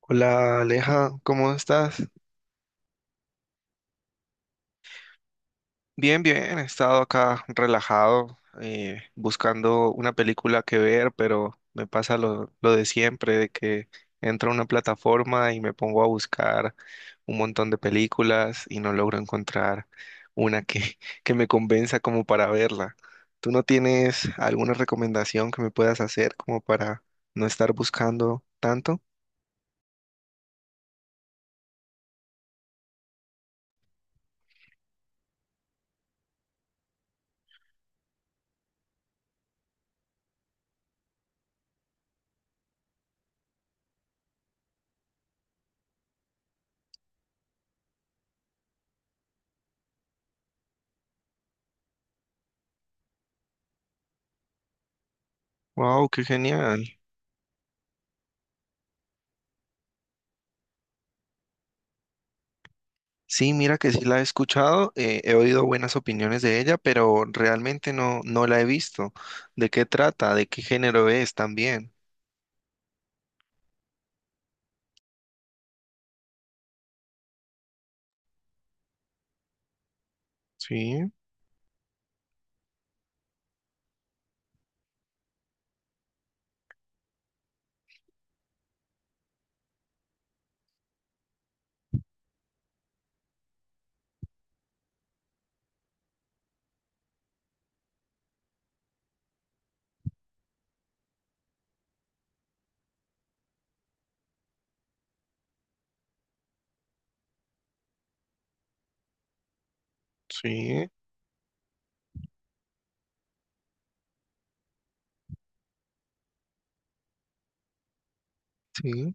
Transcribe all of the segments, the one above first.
Hola, Aleja, ¿cómo estás? Bien, bien, he estado acá relajado, buscando una película que ver, pero me pasa lo de siempre, de que entro a una plataforma y me pongo a buscar un montón de películas y no logro encontrar una que, que me convenza como para verla. ¿Tú no tienes alguna recomendación que me puedas hacer como para no estar buscando tanto? Wow, qué genial. Sí, mira que sí la he escuchado, he oído buenas opiniones de ella, pero realmente no la he visto. ¿De qué trata? ¿De qué género es también? Sí, sí, sí.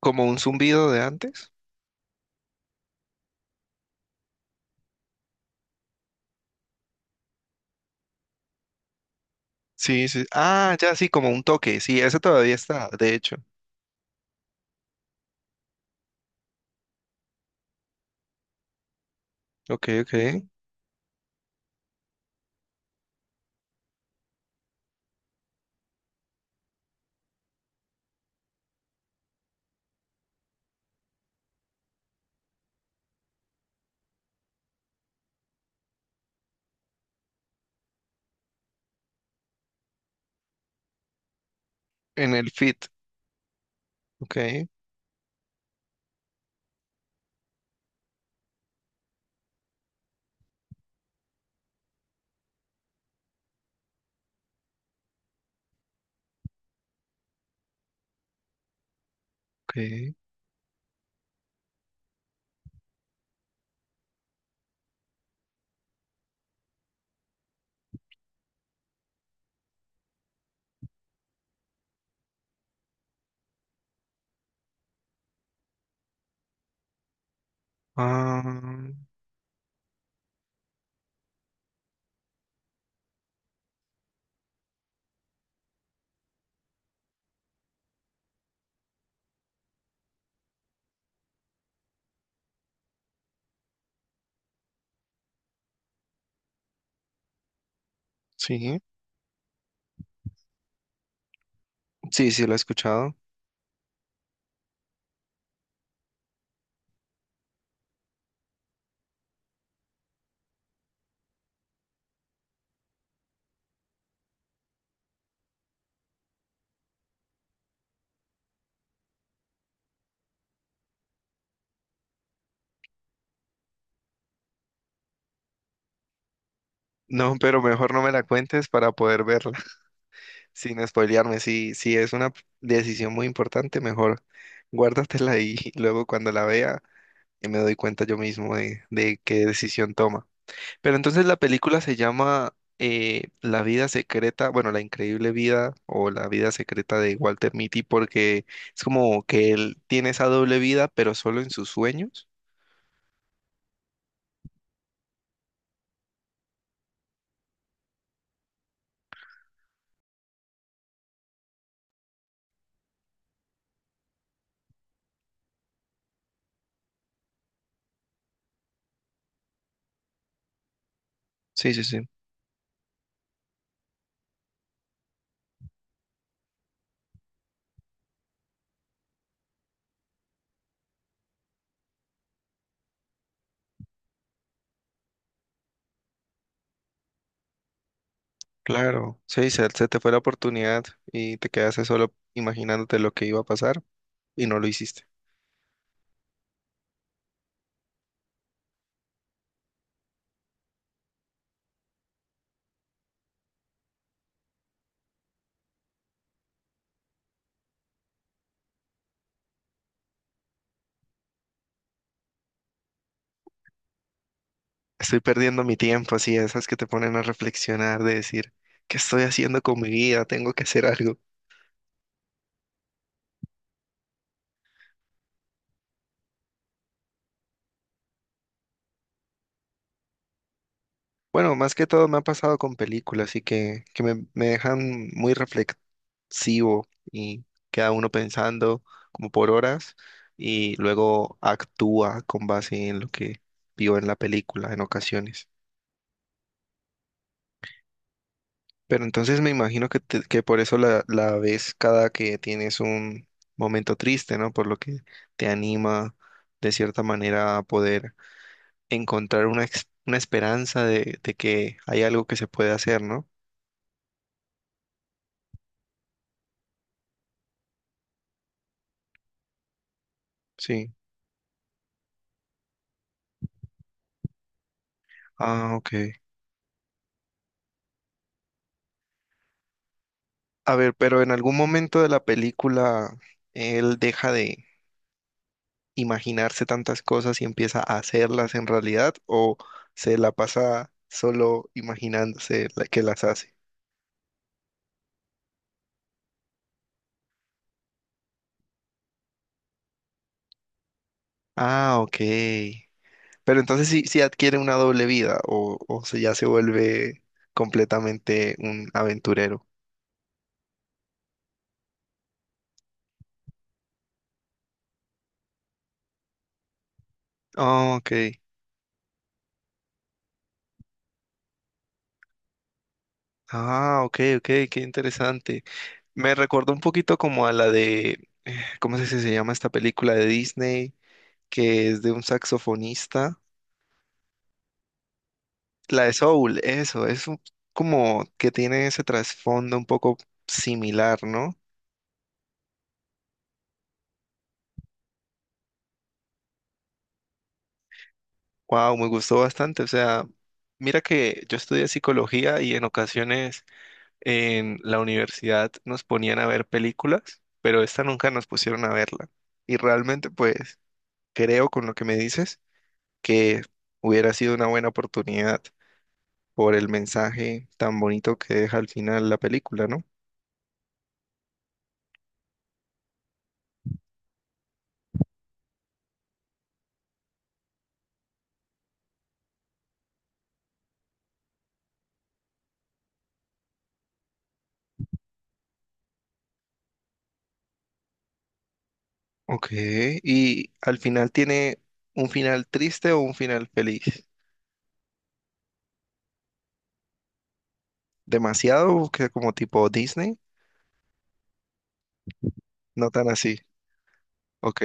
¿Como un zumbido de antes? Sí, sí. Ah, ya sí, como un toque. Sí, ese todavía está, de hecho. Ok, ok. En el fit. Ok, ok. Ah, sí. Sí, sí, lo he escuchado. No, pero mejor no me la cuentes para poder verla. Sin spoilearme, sí, sí es una decisión muy importante, mejor. Guárdatela ahí, y luego cuando la vea me doy cuenta yo mismo de qué decisión toma. Pero entonces la película se llama La vida secreta, bueno, La increíble vida o La vida secreta de Walter Mitty, porque es como que él tiene esa doble vida, pero solo en sus sueños. Sí, sí, sí. Claro, sí, se te fue la oportunidad y te quedaste solo imaginándote lo que iba a pasar y no lo hiciste. Estoy perdiendo mi tiempo, así, esas que te ponen a reflexionar, de decir, ¿qué estoy haciendo con mi vida? Tengo que hacer algo. Bueno, más que todo me ha pasado con películas, así que me dejan muy reflexivo y queda uno pensando como por horas y luego actúa con base en lo que vio en la película en ocasiones. Pero entonces me imagino que, te- que por eso la ves cada que tienes un momento triste, ¿no? Por lo que te anima de cierta manera a poder encontrar una, ex- una esperanza de que hay algo que se puede hacer, ¿no? Sí. Ah, ok. A ver, pero en algún momento de la película él deja de imaginarse tantas cosas y empieza a hacerlas en realidad o se la pasa solo imaginándose la que las hace. Ah, ok. Pero entonces sí, sí adquiere una doble vida o se, ya se vuelve completamente un aventurero. Ah, ok. Ah, ok, ok, qué interesante. Me recordó un poquito como a la de, ¿cómo es que se llama esta película de Disney? Que es de un saxofonista. La de Soul, eso, es un- como que tiene ese trasfondo un poco similar, ¿no? Wow, me gustó bastante. O sea, mira que yo estudié psicología y en ocasiones en la universidad nos ponían a ver películas, pero esta nunca nos pusieron a verla. Y realmente, pues, creo con lo que me dices que hubiera sido una buena oportunidad. Por el mensaje tan bonito que deja al final la película, ¿no? Ok, y al final tiene un final triste o un final feliz. Demasiado que como tipo Disney, no tan así. Ok,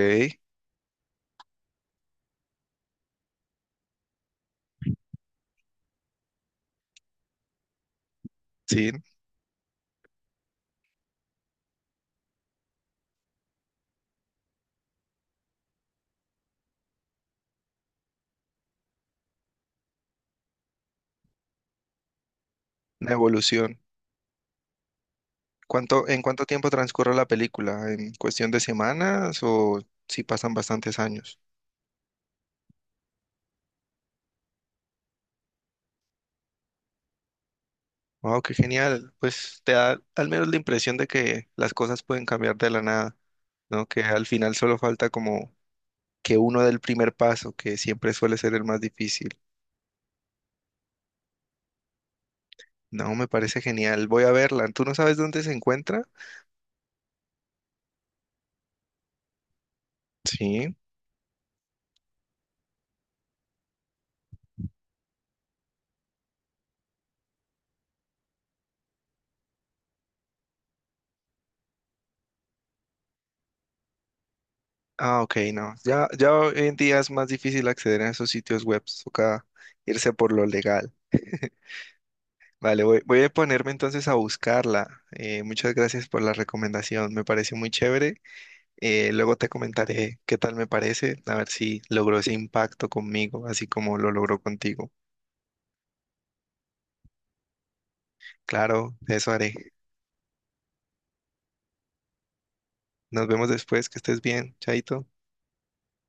sí, una evolución. ¿Cuánto, en cuánto tiempo transcurre la película? ¿En cuestión de semanas o si pasan bastantes años? Wow, qué genial. Pues te da al menos la impresión de que las cosas pueden cambiar de la nada, ¿no? Que al final solo falta como que uno del primer paso, que siempre suele ser el más difícil. No, me parece genial. Voy a verla. ¿Tú no sabes dónde se encuentra? Sí. Ah, ok, no. Ya, ya hoy en día es más difícil acceder a esos sitios web. Toca irse por lo legal. Vale, voy, voy a ponerme entonces a buscarla. Muchas gracias por la recomendación. Me parece muy chévere. Luego te comentaré qué tal me parece, a ver si logró ese impacto conmigo, así como lo logró contigo. Claro, eso haré. Nos vemos después, que estés bien, Chaito.